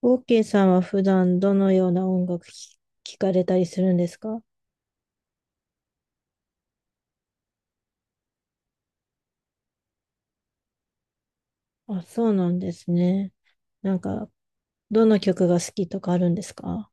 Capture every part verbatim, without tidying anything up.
オーケー さんは普段どのような音楽き聞かれたりするんですか？あ、そうなんですね。なんか、どの曲が好きとかあるんですか？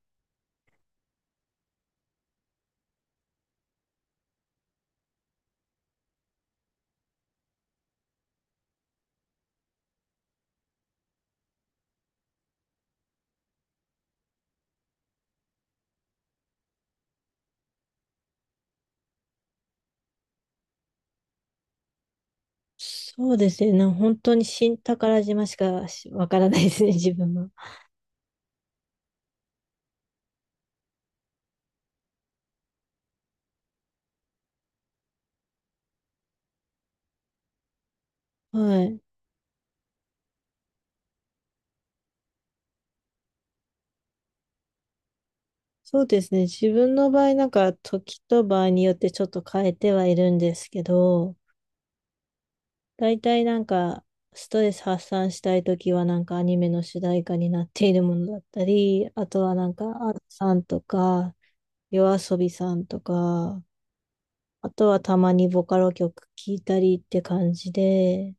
そうですね。な本当に新宝島しかしわからないですね、自分は。はい。そうですね。自分の場合、なんか、時と場合によってちょっと変えてはいるんですけど、大体なんか、ストレス発散したいときはなんかアニメの主題歌になっているものだったり、あとはなんか、アルさんとか、夜遊びさんとか、あとはたまにボカロ曲聴いたりって感じで、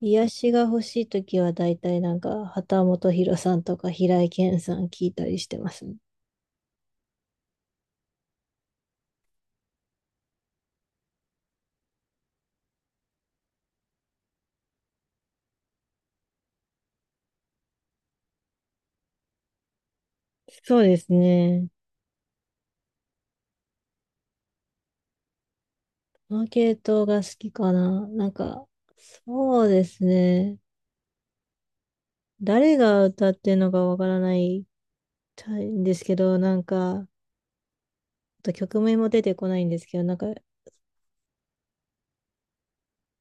癒しが欲しいときは大体なんか、畑本博さんとか平井堅さん聴いたりしてますね。そうですね。この系統が好きかな。なんか、そうですね。誰が歌ってるのかわからないたいんですけど、なんか、あと曲名も出てこないんですけど、なんか、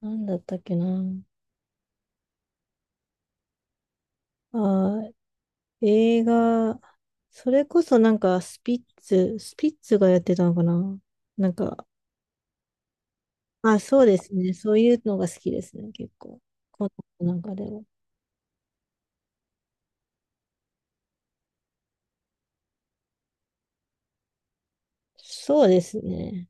なんだったっけな。あー、映画、それこそなんか、スピッツ、スピッツがやってたのかな。なんか、あ、そうですね。そういうのが好きですね、結構。このなんかでも。そうですね。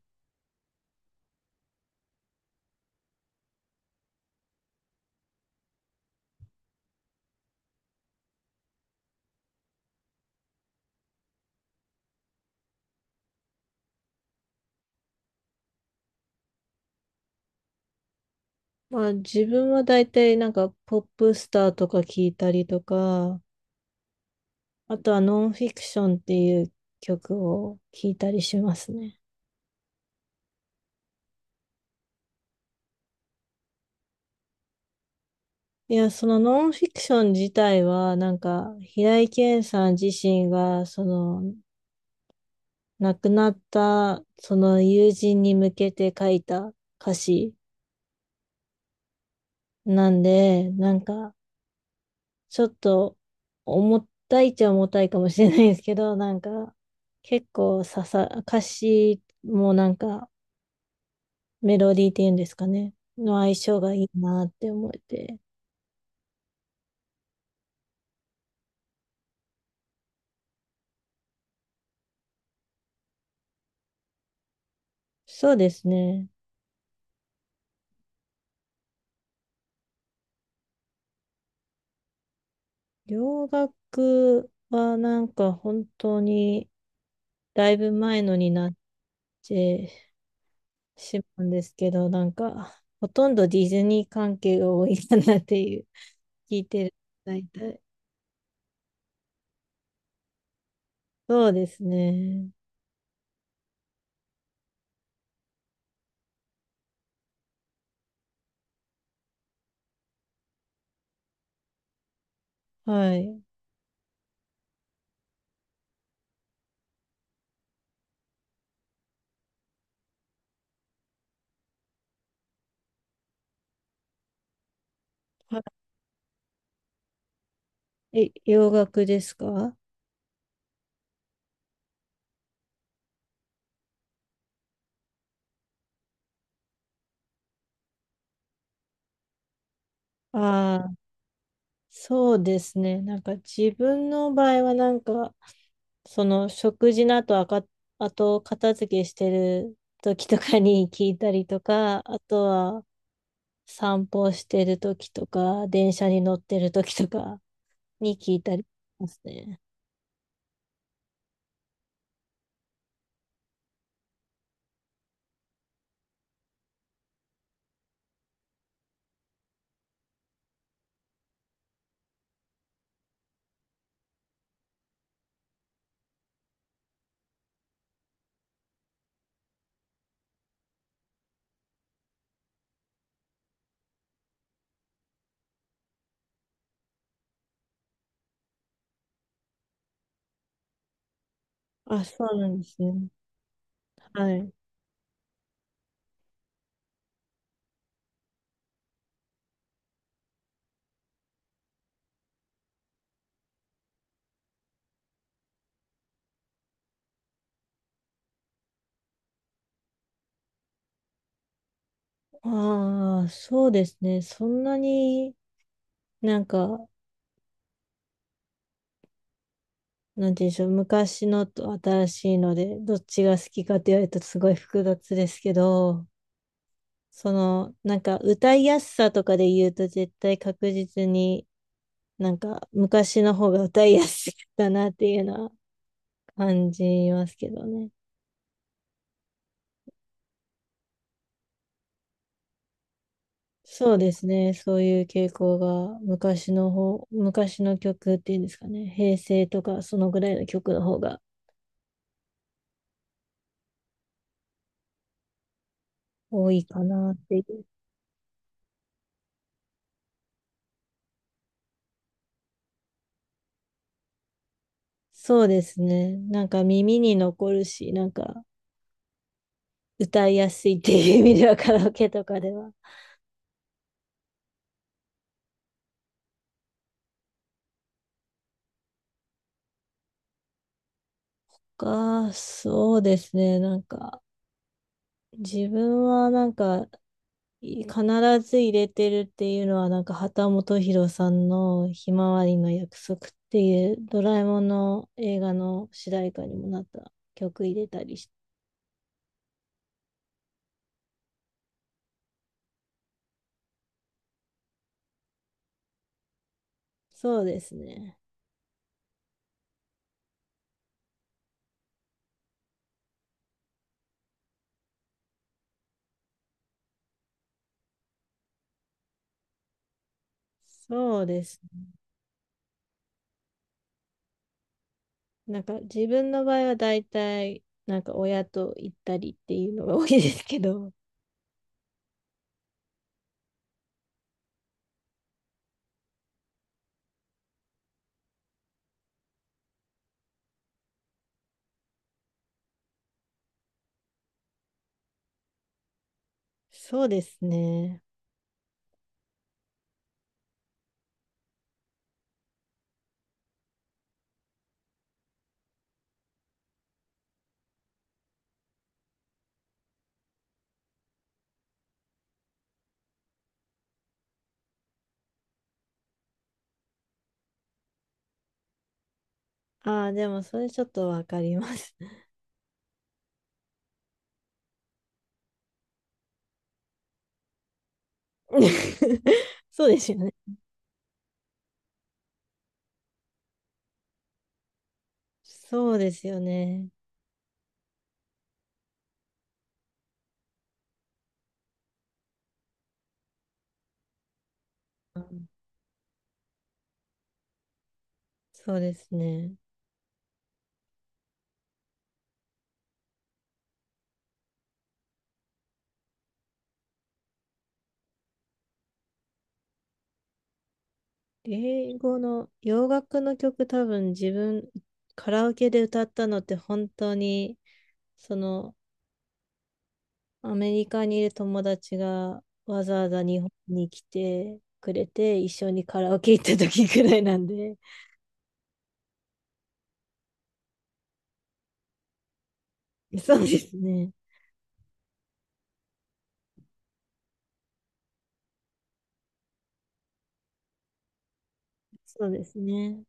まあ、自分は大体なんか、ポップスターとか聞いたりとか、あとはノンフィクションっていう曲を聞いたりしますね。いや、そのノンフィクション自体は、なんか、平井堅さん自身が、その、亡くなった、その友人に向けて書いた歌詞なんで、なんか、ちょっと、重たいっちゃ重たいかもしれないですけど、なんか、結構刺さ、歌詞もなんか、メロディーっていうんですかね、の相性がいいなって思えて。そうですね。洋楽はなんか本当にだいぶ前のになってしまうんですけど、なんかほとんどディズニー関係が多いかなっていう、聞いてる、大体。そうですね。はい。はえ、洋楽ですか？ああー、そうですね。なんか自分の場合はなんか、その食事の後、あか、あと片付けしてる時とかに聞いたりとか、あとは、散歩してる時とか、電車に乗ってる時とかに聞いたりしますね。あ、そうなんですね。はい。ああ、そうですね。そんなになんか、なんて言うんでしょう。昔のと新しいので、どっちが好きかって言われるとすごい複雑ですけど、その、なんか歌いやすさとかで言うと絶対確実になんか昔の方が歌いやすいかなっていうのは感じますけどね。そうですね。そういう傾向が昔の方、昔の曲っていうんですかね。平成とかそのぐらいの曲の方が多いかなっていう。そうですね。なんか耳に残るし、なんか歌いやすいっていう意味では カラオケとかでは。が、そうですね。なんか自分はなんかい必ず入れてるっていうのは、なんか秦基博さんのひまわりの約束っていうドラえもんの映画の主題歌にもなった曲入れたりして、そうですね。そうですね。なんか自分の場合は大体、なんか親と行ったりっていうのが多いですけど、そうですね。ああ、でもそれちょっとわかります。そうですよね。そうですよね。うん、そうですね。英語の洋楽の曲多分自分カラオケで歌ったのって本当にそのアメリカにいる友達がわざわざ日本に来てくれて一緒にカラオケ行った時くらいなんで。 そうですね。そうですね。